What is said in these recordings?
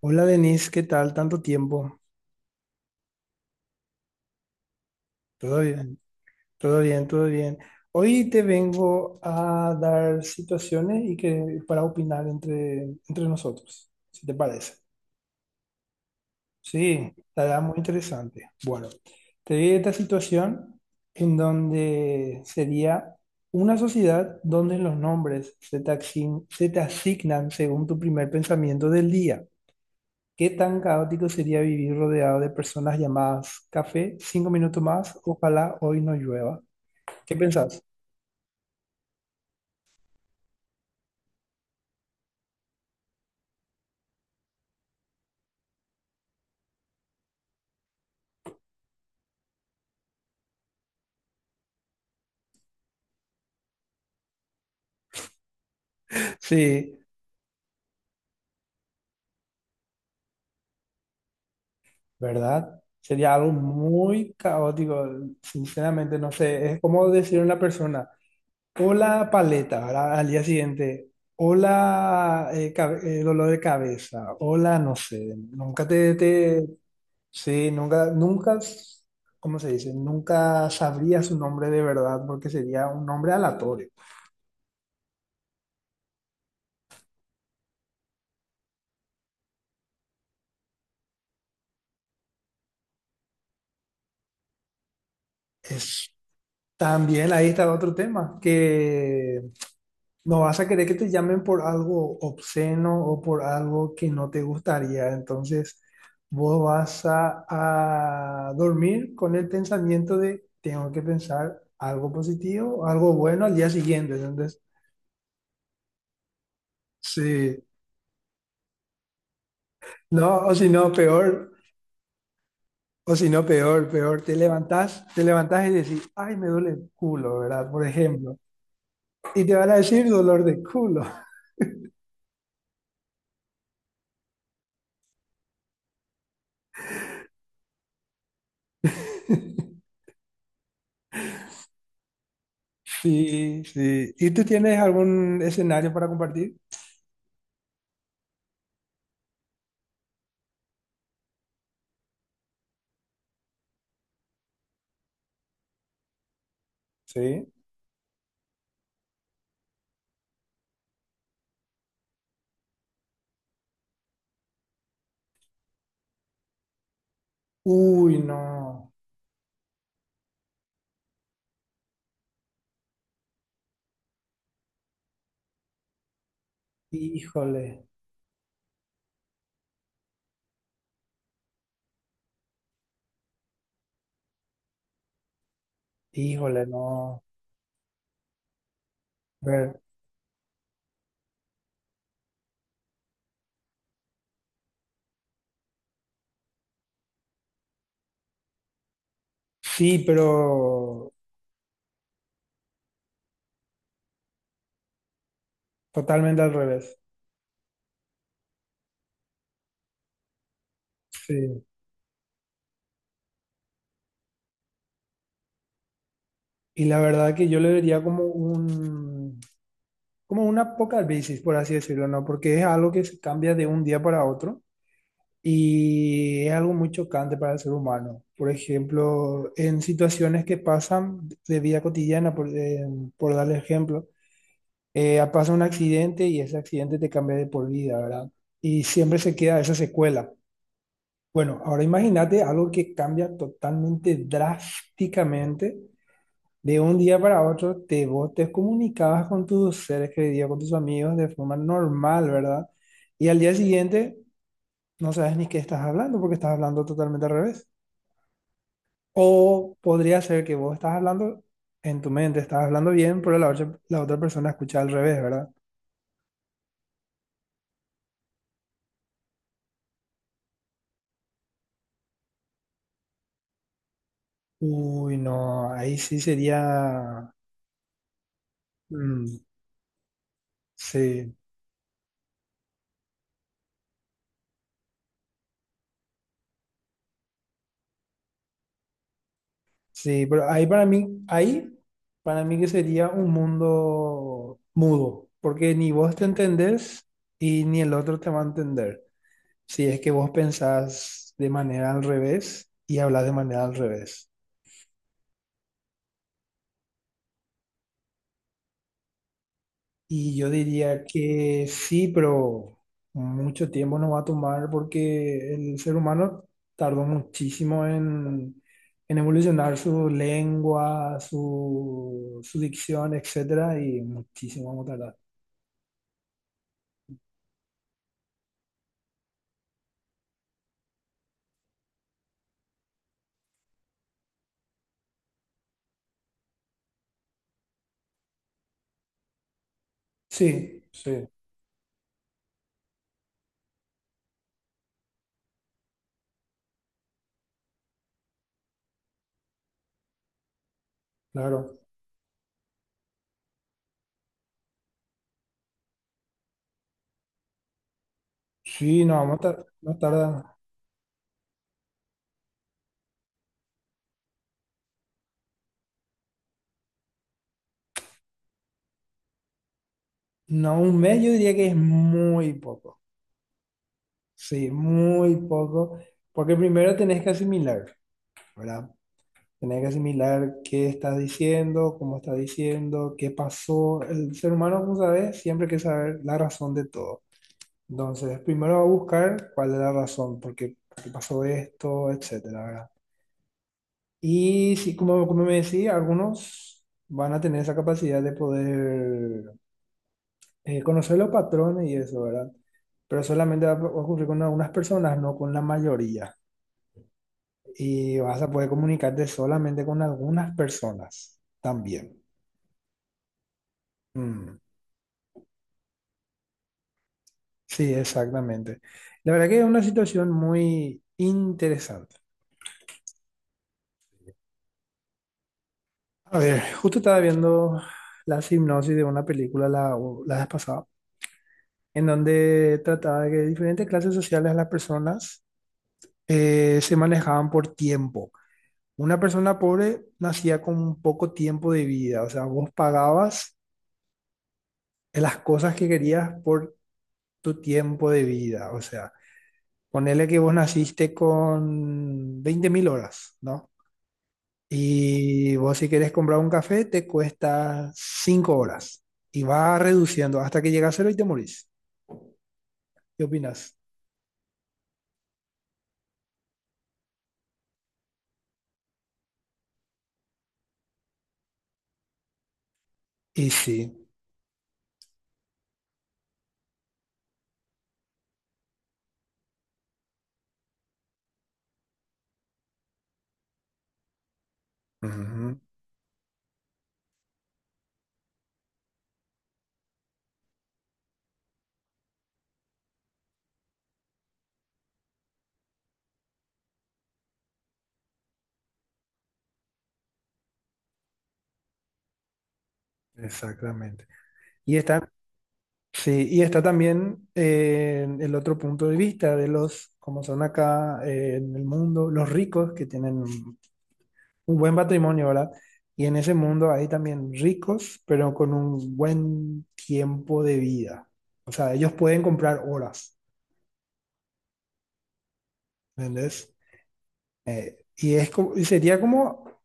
Hola Denise, ¿qué tal? Tanto tiempo. Todo bien, todo bien, todo bien. Hoy te vengo a dar situaciones y que para opinar entre nosotros, si te parece. Sí, estará muy interesante. Bueno, te di esta situación en donde sería una sociedad donde los nombres se te asignan según tu primer pensamiento del día. ¿Qué tan caótico sería vivir rodeado de personas llamadas café, 5 minutos más, ojalá hoy no llueva? ¿Qué pensás? Sí, ¿verdad? Sería algo muy caótico, sinceramente, no sé, es como decir a una persona, hola paleta, ¿verdad? Al día siguiente, hola dolor de cabeza, hola, no sé, nunca te, sí, nunca, nunca, ¿cómo se dice? Nunca sabría su nombre de verdad porque sería un nombre aleatorio. Es, también ahí está otro tema, que no vas a querer que te llamen por algo obsceno o por algo que no te gustaría. Entonces, vos vas a dormir con el pensamiento de, tengo que pensar algo positivo, algo bueno al día siguiente. Entonces, sí, no, o si no, peor. O si no, peor, peor, te levantás y decís, ay, me duele el culo, ¿verdad? Por ejemplo. Y te van a decir dolor de culo. Sí, sí. ¿Y tú tienes algún escenario para compartir? Sí. Uy, no. Híjole, híjole, no. Ver. Sí, pero totalmente al revés. Sí. Y la verdad que yo le vería como un apocalipsis, por así decirlo, ¿no? Porque es algo que se cambia de un día para otro y es algo muy chocante para el ser humano. Por ejemplo, en situaciones que pasan de vida cotidiana, por darle ejemplo. Pasa un accidente y ese accidente te cambia de por vida, ¿verdad? Y siempre se queda esa secuela. Bueno, ahora imagínate algo que cambia totalmente drásticamente. De un día para otro, vos te comunicabas con tus seres queridos, con tus amigos de forma normal, ¿verdad? Y al día siguiente no sabes ni qué estás hablando porque estás hablando totalmente al revés. O podría ser que vos estás hablando en tu mente, estás hablando bien, pero la otra persona escucha al revés, ¿verdad? Uy, no, ahí sí sería, mm, sí, sí, pero ahí para mí que sería un mundo mudo, porque ni vos te entendés y ni el otro te va a entender. Si es que vos pensás de manera al revés y hablas de manera al revés. Y yo diría que sí, pero mucho tiempo nos va a tomar porque el ser humano tardó muchísimo en evolucionar su lengua, su dicción, etcétera, y muchísimo vamos a tardar. Sí, sí, claro. Sí, no, vamos a tardar, no tarda. No, un mes yo diría que es muy poco. Sí, muy poco, porque primero tenés que asimilar, ¿verdad? Tenés que asimilar qué estás diciendo, cómo estás diciendo, qué pasó. El ser humano, como sabes, siempre quiere saber la razón de todo. Entonces, primero va a buscar cuál es la razón, por qué pasó esto, etcétera, ¿verdad? Y sí, como me decía, algunos van a tener esa capacidad de poder conocer los patrones y eso, ¿verdad? Pero solamente va a ocurrir con algunas personas, no con la mayoría. Y vas a poder comunicarte solamente con algunas personas también. Mm. Sí, exactamente. La verdad que es una situación muy interesante. A ver, justo estaba viendo la hipnosis de una película la vez pasada, en donde trataba de que diferentes clases sociales de las personas se manejaban por tiempo. Una persona pobre nacía con poco tiempo de vida, o sea, vos pagabas las cosas que querías por tu tiempo de vida, o sea, ponele que vos naciste con 20.000 horas, ¿no? Y vos si querés comprar un café te cuesta 5 horas y va reduciendo hasta que llega a cero y te morís. ¿Qué opinas? Y sí, ujú, exactamente. Y está, sí, y está también el otro punto de vista de los, como son acá en el mundo, los ricos que tienen un buen patrimonio, ¿verdad? Y en ese mundo hay también ricos, pero con un buen tiempo de vida. O sea, ellos pueden comprar horas, ¿entendés? Y sería como,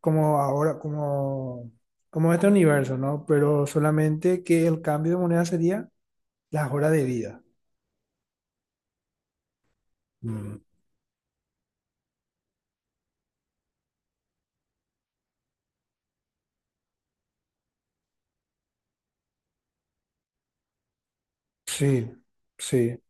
como ahora, como este universo, ¿no? Pero solamente que el cambio de moneda sería las horas de vida. Mm, sí, sí,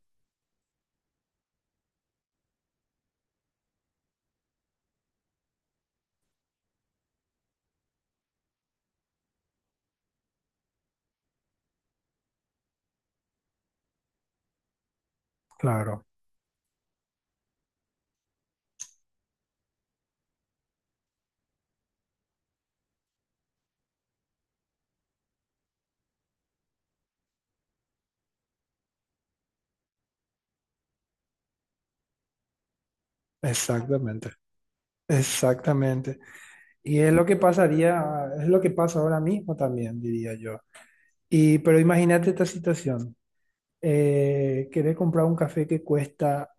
claro, exactamente, exactamente. Y es lo que pasaría, es lo que pasa ahora mismo también, diría yo. Pero imagínate esta situación. Querer comprar un café que cuesta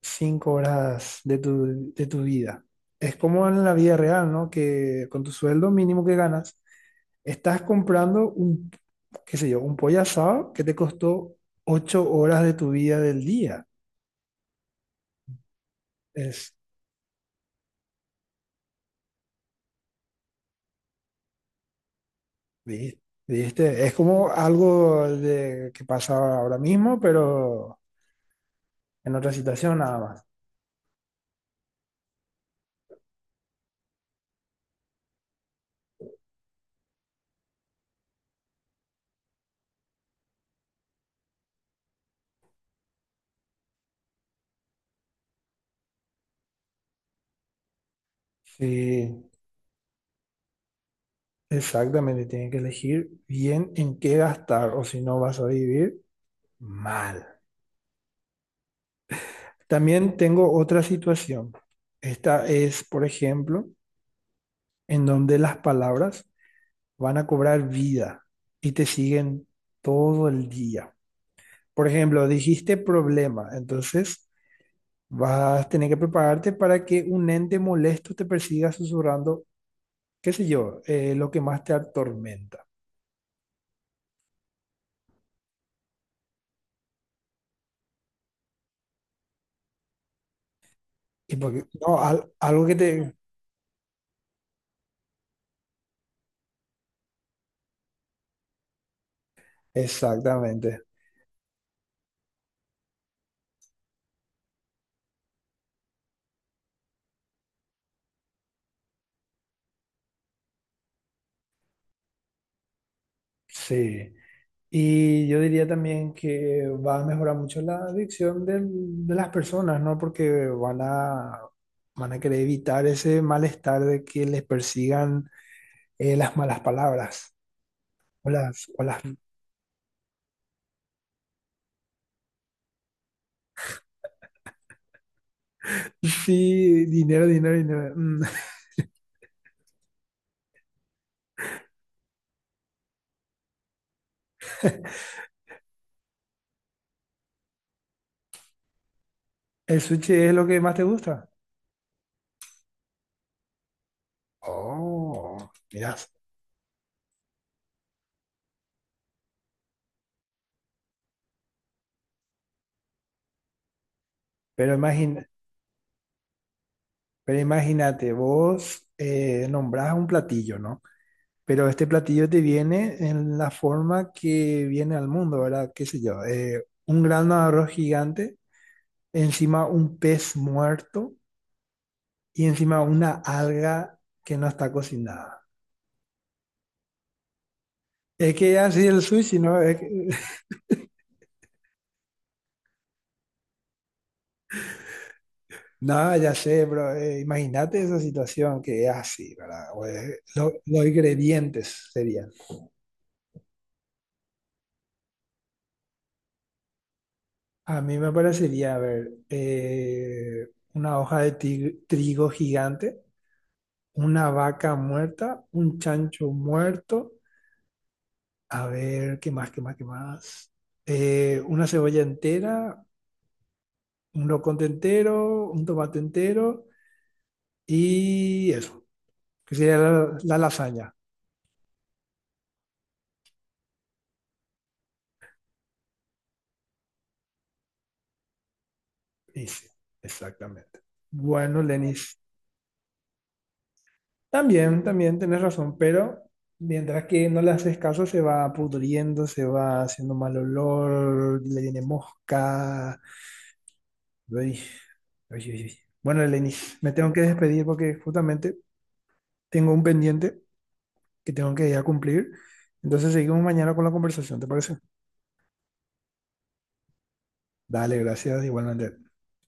5 horas de tu vida. Es como en la vida real, ¿no? Que con tu sueldo mínimo que ganas, estás comprando un, qué sé yo, un pollo asado que te costó 8 horas de tu vida del día. Es, vi- ¿viste? Es como algo de, que pasa ahora mismo, pero en otra situación nada más. Sí, exactamente. Tienen que elegir bien en qué gastar o si no vas a vivir mal. También tengo otra situación. Esta es, por ejemplo, en donde las palabras van a cobrar vida y te siguen todo el día. Por ejemplo, dijiste problema, entonces vas a tener que prepararte para que un ente molesto te persiga susurrando, qué sé yo, lo que más te atormenta. Y porque, no, algo que te... Exactamente, sí. Y yo diría también que va a mejorar mucho la adicción de las personas, ¿no? Porque van a querer evitar ese malestar de que les persigan las malas palabras o las... Sí, dinero, dinero, dinero. ¿El sushi es lo que más te gusta? Oh, mirás. Pero imagina, pero imagínate, vos nombrás un platillo, ¿no? Pero este platillo te viene en la forma que viene al mundo, ¿verdad? ¿Qué sé yo? Un grano de arroz gigante, encima un pez muerto y encima una alga que no está cocinada. Es que así el sushi, ¿no? No, ya sé, pero imagínate esa situación que es así, ¿verdad? Los ingredientes serían. A mí me parecería, a ver, una hoja de trigo gigante, una vaca muerta, un chancho muerto, a ver, ¿qué más, qué más, qué más? Una cebolla entera, un loconte entero, un tomate entero y eso, que sería la lasaña. Y sí, exactamente. Bueno, Lenis, también tenés razón, pero mientras que no le haces caso, se va pudriendo, se va haciendo mal olor, le viene mosca. Uy, uy, uy, uy. Bueno, Eleni, me tengo que despedir porque justamente tengo un pendiente que tengo que ir a cumplir. Entonces seguimos mañana con la conversación, ¿te parece? Dale, gracias, igualmente.